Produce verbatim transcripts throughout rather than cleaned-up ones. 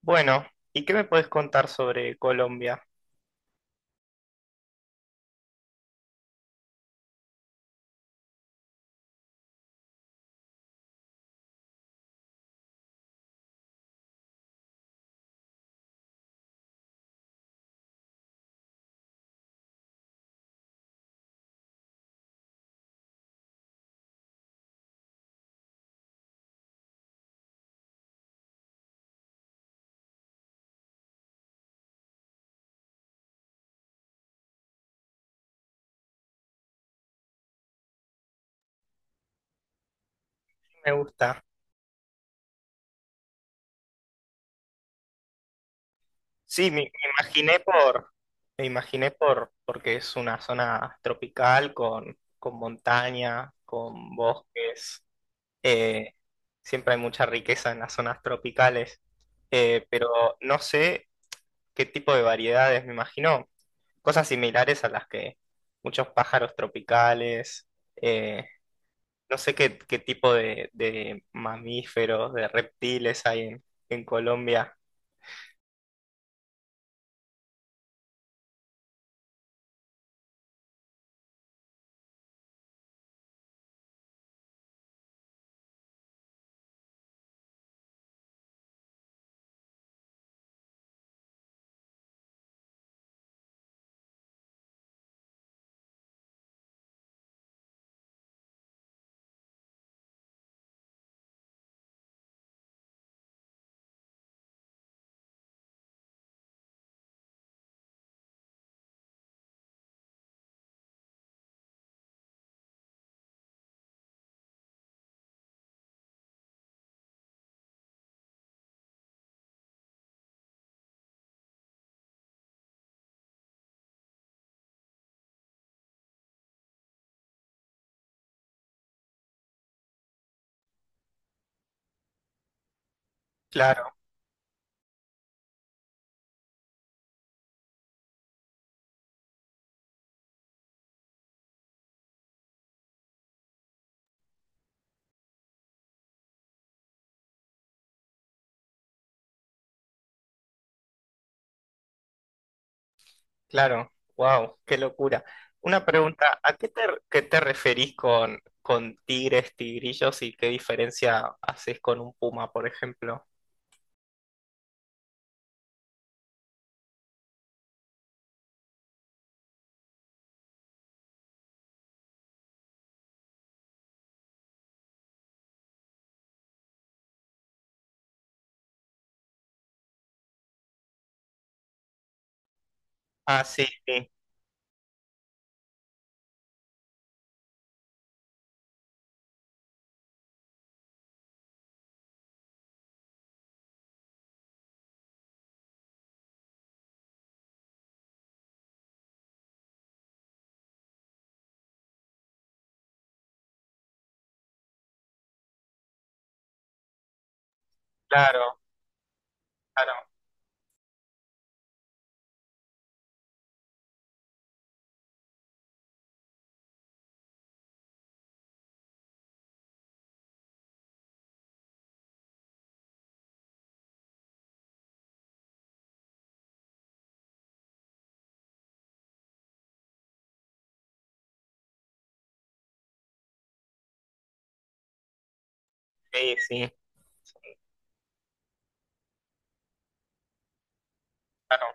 Bueno, ¿y qué me puedes contar sobre Colombia? Me gusta. Sí, me, me imaginé por, me imaginé por, porque es una zona tropical con, con montaña, con bosques. eh, Siempre hay mucha riqueza en las zonas tropicales, eh, pero no sé qué tipo de variedades, me imagino. Cosas similares a las que muchos pájaros tropicales. eh, No sé qué, qué tipo de, de mamíferos, de reptiles hay en, en Colombia. Claro, claro. Wow, qué locura. Una pregunta, ¿a qué te, ¿qué te referís con, con tigres, tigrillos y qué diferencia haces con un puma, por ejemplo? Ah, sí, sí, claro, claro, sí, sí, claro.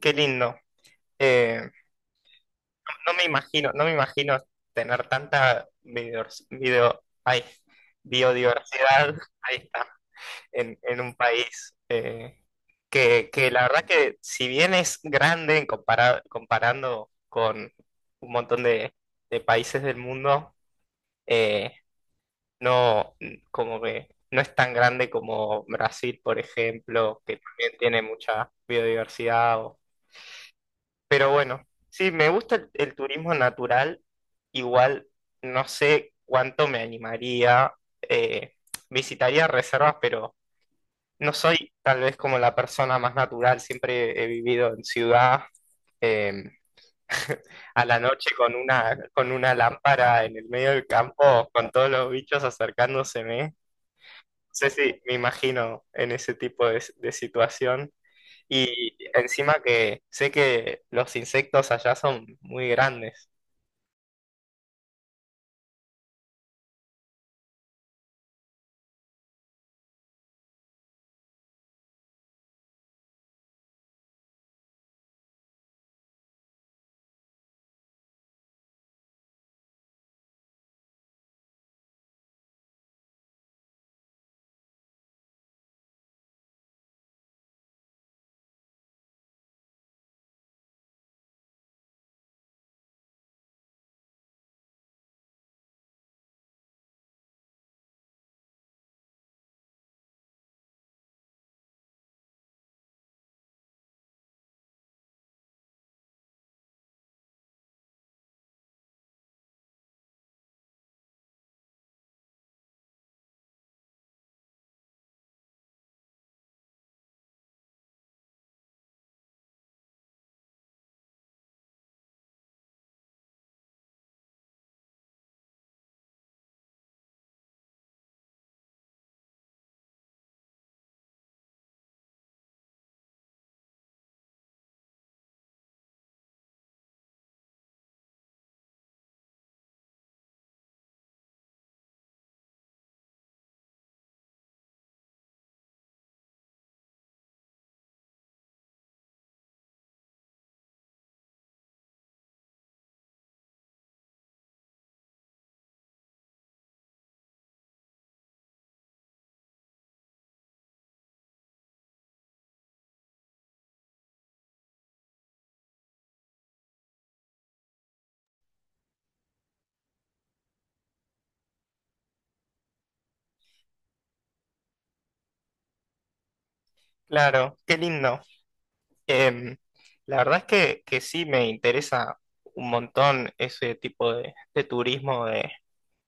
Qué lindo. Eh, no me imagino, no me imagino tener tanta biodiversidad, ay, biodiversidad, ahí está, en, en un país eh, que, que la verdad que si bien es grande en compara- comparando con un montón de, de países del mundo, eh, no, n- como que no es tan grande como Brasil, por ejemplo, que también tiene mucha biodiversidad. O- pero bueno, sí, me gusta el, el turismo natural, igual no sé cuánto me animaría. eh, Visitaría reservas, pero no soy tal vez como la persona más natural, siempre he vivido en ciudad. eh, a la noche con una, con una lámpara en el medio del campo, con todos los bichos acercándoseme. No sé si me imagino en ese tipo de, de situación. Y encima que sé que los insectos allá son muy grandes. Claro, qué lindo. Em, la verdad es que, que sí me interesa un montón ese tipo de, de turismo de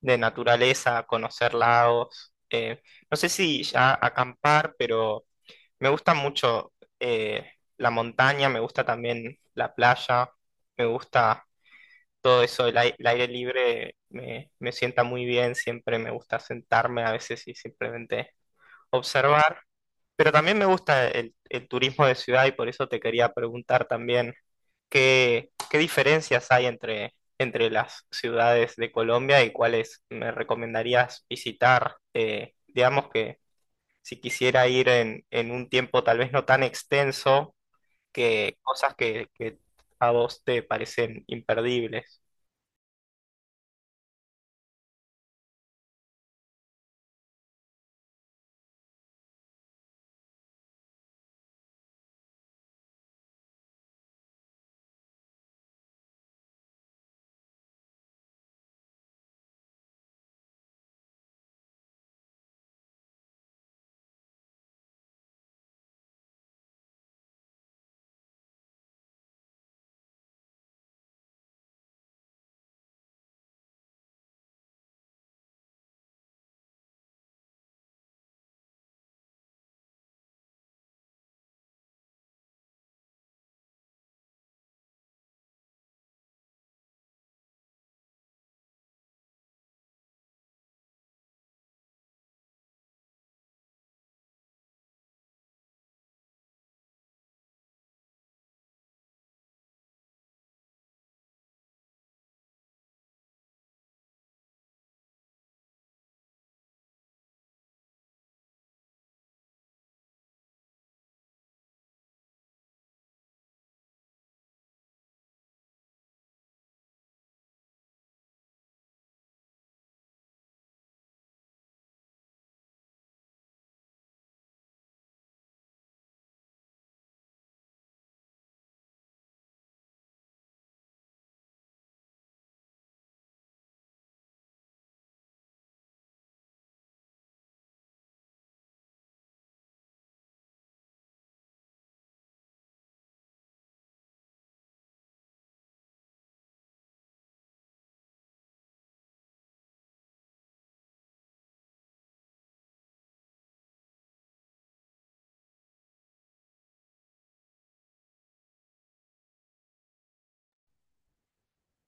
de naturaleza, conocer lagos. Eh, no sé si ya acampar, pero me gusta mucho eh, la montaña, me gusta también la playa, me gusta todo eso, el, ai- el aire libre me, me sienta muy bien, siempre me gusta sentarme a veces y simplemente observar. Pero también me gusta el, el turismo de ciudad y por eso te quería preguntar también qué, qué diferencias hay entre, entre las ciudades de Colombia y cuáles me recomendarías visitar. Eh, digamos que si quisiera ir en, en un tiempo tal vez no tan extenso, que cosas que, que a vos te parecen imperdibles.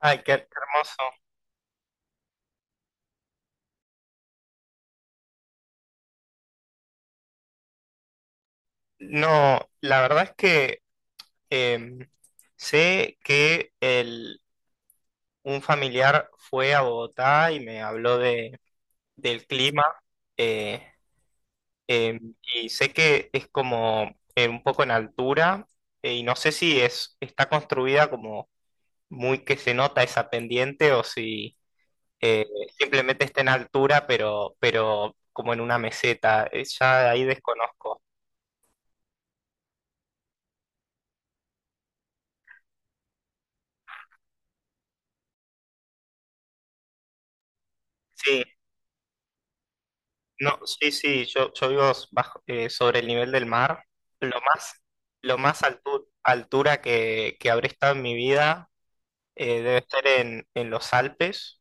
Ay, qué, qué hermoso. No, la verdad es que em, sé que el, un familiar fue a Bogotá y me habló de, del clima. eh, eh, y sé que es como eh, un poco en altura. Eh, y no sé si es, está construida como muy que se nota esa pendiente o si eh, simplemente está en altura pero, pero como en una meseta. Eh, ya ahí desconozco. Sí. No, sí, sí, yo, yo vivo bajo, eh, sobre el nivel del mar. Lo más, lo más altu- altura que, que habré estado en mi vida. Eh, debe estar en, en los Alpes,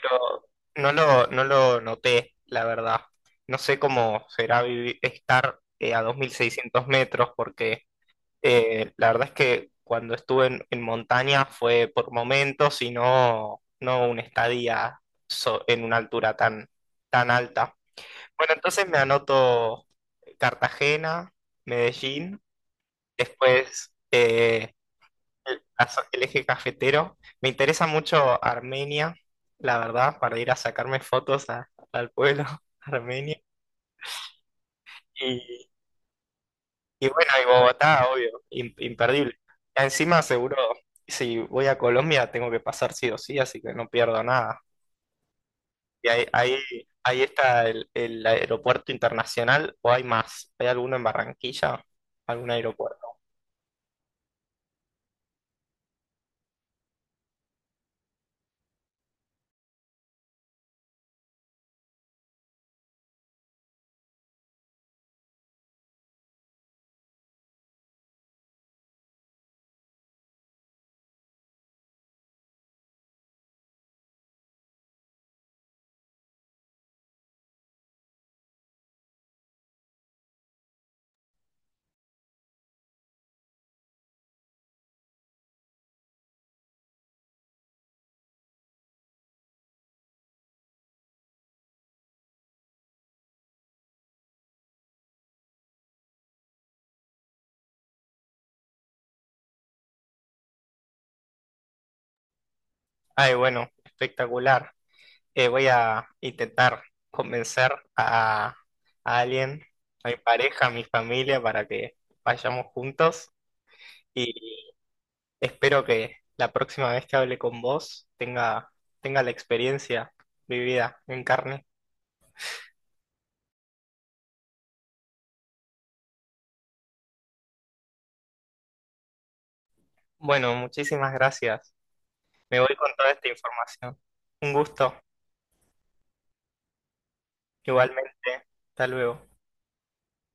pero no lo, no lo noté, la verdad. No sé cómo será vivi- estar eh, a dos mil seiscientos metros, porque eh, la verdad es que cuando estuve en, en montaña fue por momentos y no, no una estadía so- en una altura tan, tan alta. Bueno, entonces me anoto Cartagena, Medellín, después eh, el, la zo- el eje cafetero. Me interesa mucho Armenia, la verdad, para ir a sacarme fotos a- al pueblo armenio. Y, y bueno, y Bogotá, obvio, im- imperdible. Encima seguro, si voy a Colombia tengo que pasar sí o sí, así que no pierdo nada. Y ahí, ahí, Ahí está el, el aeropuerto internacional, ¿o hay más? ¿Hay alguno en Barranquilla? ¿Algún aeropuerto? Ay, bueno, espectacular. Eh, voy a intentar convencer a, a alguien, a mi pareja, a mi familia, para que vayamos juntos y espero que la próxima vez que hable con vos tenga, tenga la experiencia vivida en carne. Bueno, muchísimas gracias. Me voy con toda esta información. Un gusto, igualmente. Hasta luego.